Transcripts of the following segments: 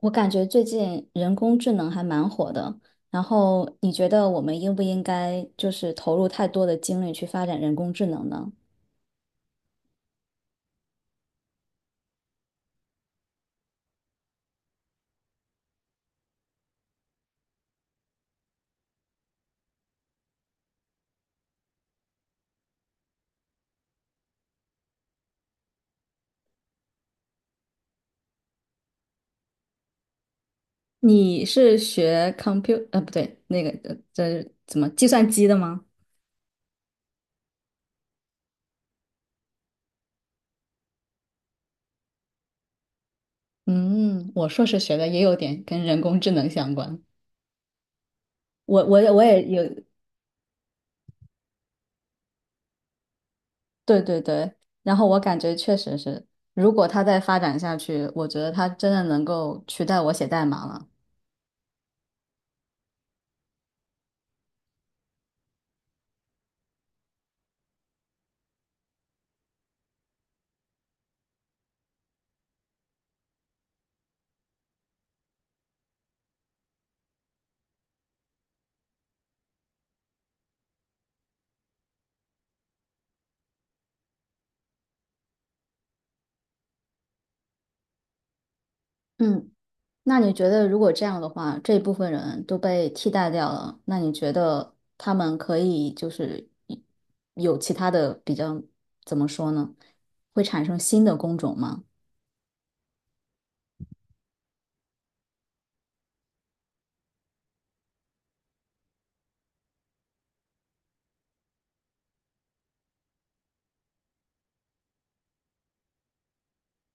我感觉最近人工智能还蛮火的，然后你觉得我们应不应该投入太多的精力去发展人工智能呢？你是学 compute 不对，这怎么计算机的吗？嗯，我硕士学的也有点跟人工智能相关。我也有，对对对。然后我感觉确实是，如果它再发展下去，我觉得它真的能够取代我写代码了。嗯。那你觉得，如果这样的话，这部分人都被替代掉了，那你觉得他们可以就是一有其他的比较，怎么说呢？会产生新的工种吗？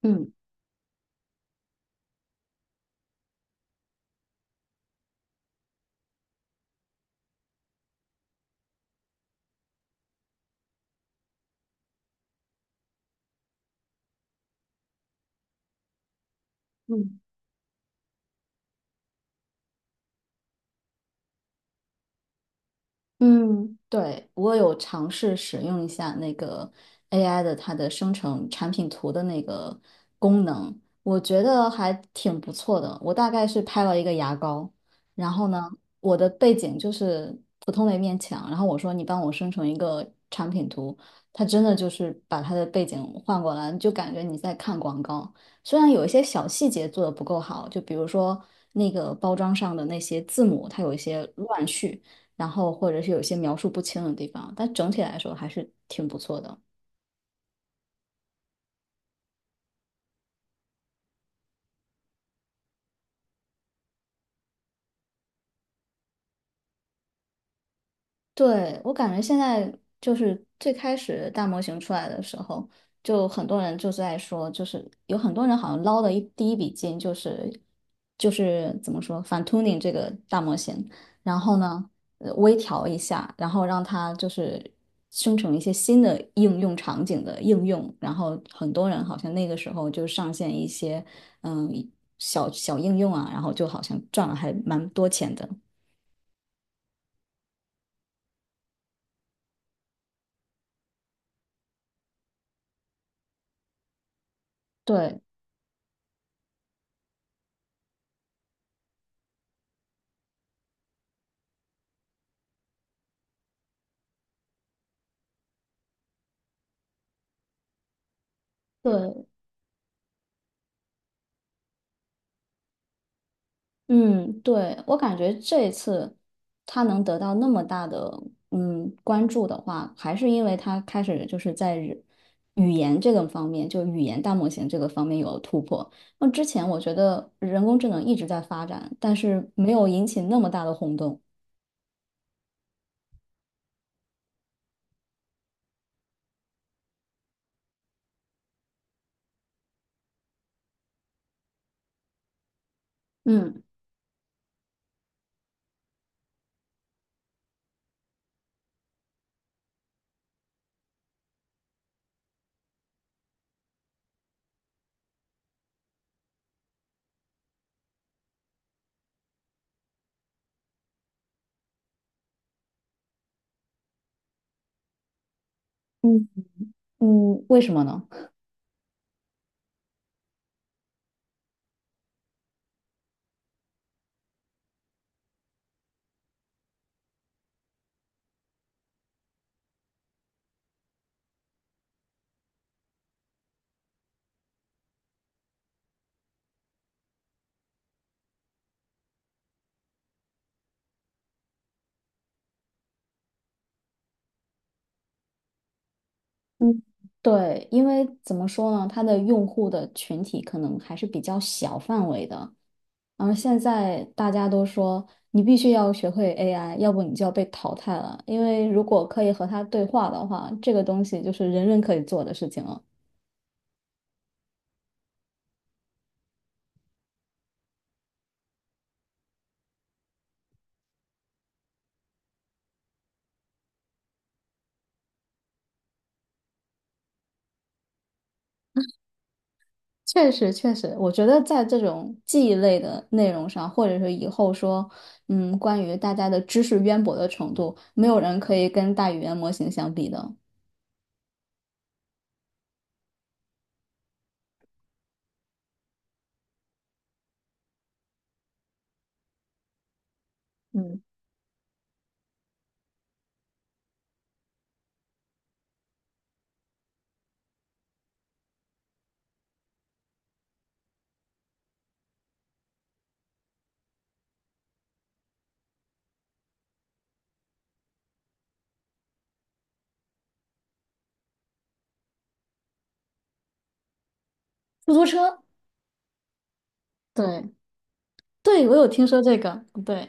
嗯。嗯。嗯，对，我有尝试使用一下那个 AI 的它的生成产品图的那个功能，我觉得还挺不错的。我大概是拍了一个牙膏，然后呢，我的背景就是普通的一面墙，然后我说你帮我生成一个产品图，它真的就是把它的背景换过来，就感觉你在看广告。虽然有一些小细节做的不够好，就比如说那个包装上的那些字母，它有一些乱序。然后或者是有些描述不清的地方，但整体来说还是挺不错的。对，我感觉现在就是最开始大模型出来的时候，就很多人就在说，就是有很多人好像捞的第一笔金就是怎么说反 tuning 这个大模型，然后呢微调一下，然后让它就是生成一些新的应用场景的应用，然后很多人好像那个时候就上线一些嗯小小应用啊，然后就好像赚了还蛮多钱的。对。对，嗯，对，我感觉这一次他能得到那么大的嗯关注的话，还是因为他开始就是在语言这个方面，就语言大模型这个方面有了突破。那之前我觉得人工智能一直在发展，但是没有引起那么大的轰动。嗯嗯嗯，为什么呢？嗯对，因为怎么说呢，它的用户的群体可能还是比较小范围的，然后现在大家都说你必须要学会 AI，要不你就要被淘汰了。因为如果可以和它对话的话，这个东西就是人人可以做的事情了。确实，确实，我觉得在这种记忆类的内容上，或者是以后说，嗯，关于大家的知识渊博的程度，没有人可以跟大语言模型相比的。嗯，出租车，对，对，我有听说这个，对，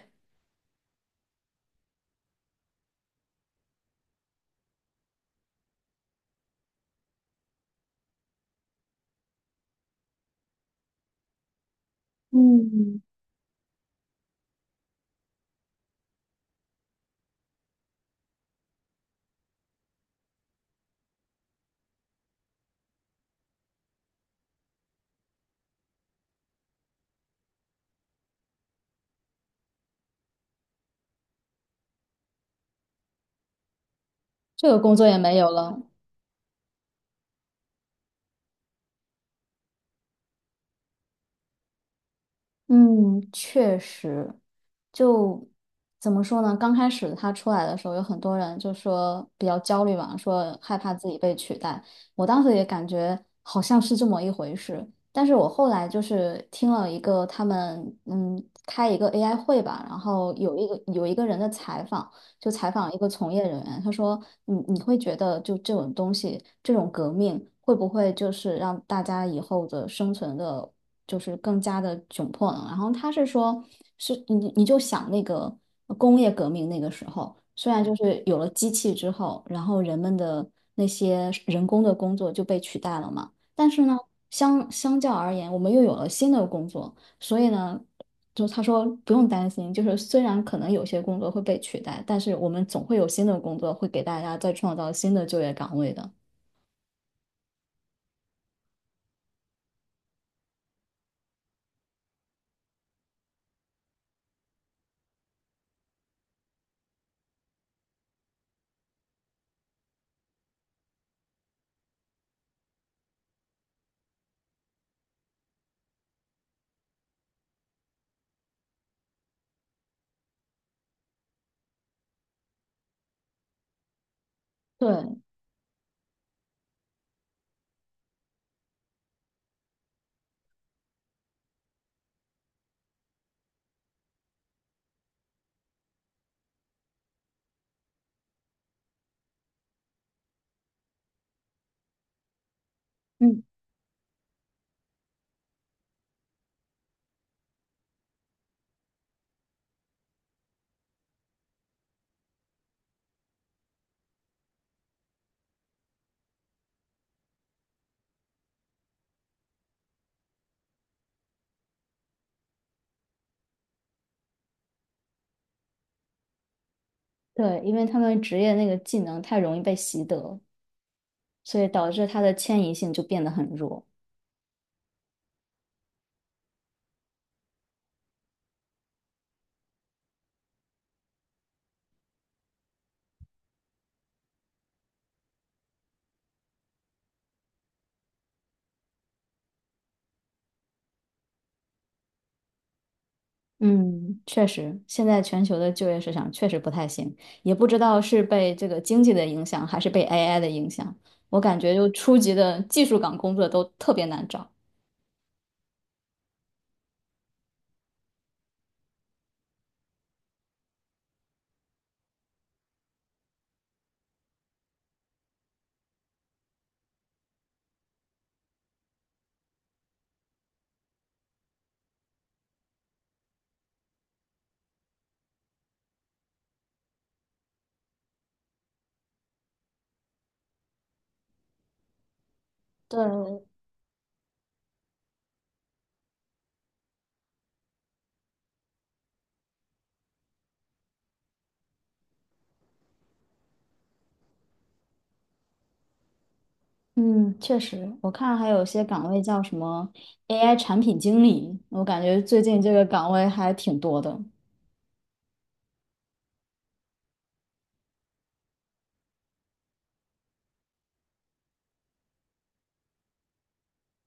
嗯，这个工作也没有了。嗯，确实，就怎么说呢？刚开始他出来的时候，有很多人就说比较焦虑嘛，说害怕自己被取代。我当时也感觉好像是这么一回事，但是我后来就是听了一个他们嗯开一个 AI 会吧，然后有有一个人的采访，就采访一个从业人员，他说你会觉得就这种东西，这种革命会不会就是让大家以后的生存的？就是更加的窘迫了。然后他是说，是你就想那个工业革命那个时候，虽然就是有了机器之后，然后人们的那些人工的工作就被取代了嘛，但是呢，相较而言，我们又有了新的工作，所以呢。就他说不用担心，就是虽然可能有些工作会被取代，但是我们总会有新的工作会给大家再创造新的就业岗位的。对，嗯，对，因为他们职业那个技能太容易被习得。所以导致它的迁移性就变得很弱。嗯，确实，现在全球的就业市场确实不太行，也不知道是被这个经济的影响，还是被 AI 的影响。我感觉就初级的技术岗工作都特别难找。对，嗯，确实，我看还有些岗位叫什么 AI 产品经理，我感觉最近这个岗位还挺多的。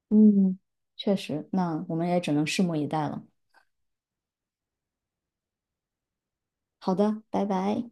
嗯，确实，那我们也只能拭目以待了。好的，拜拜。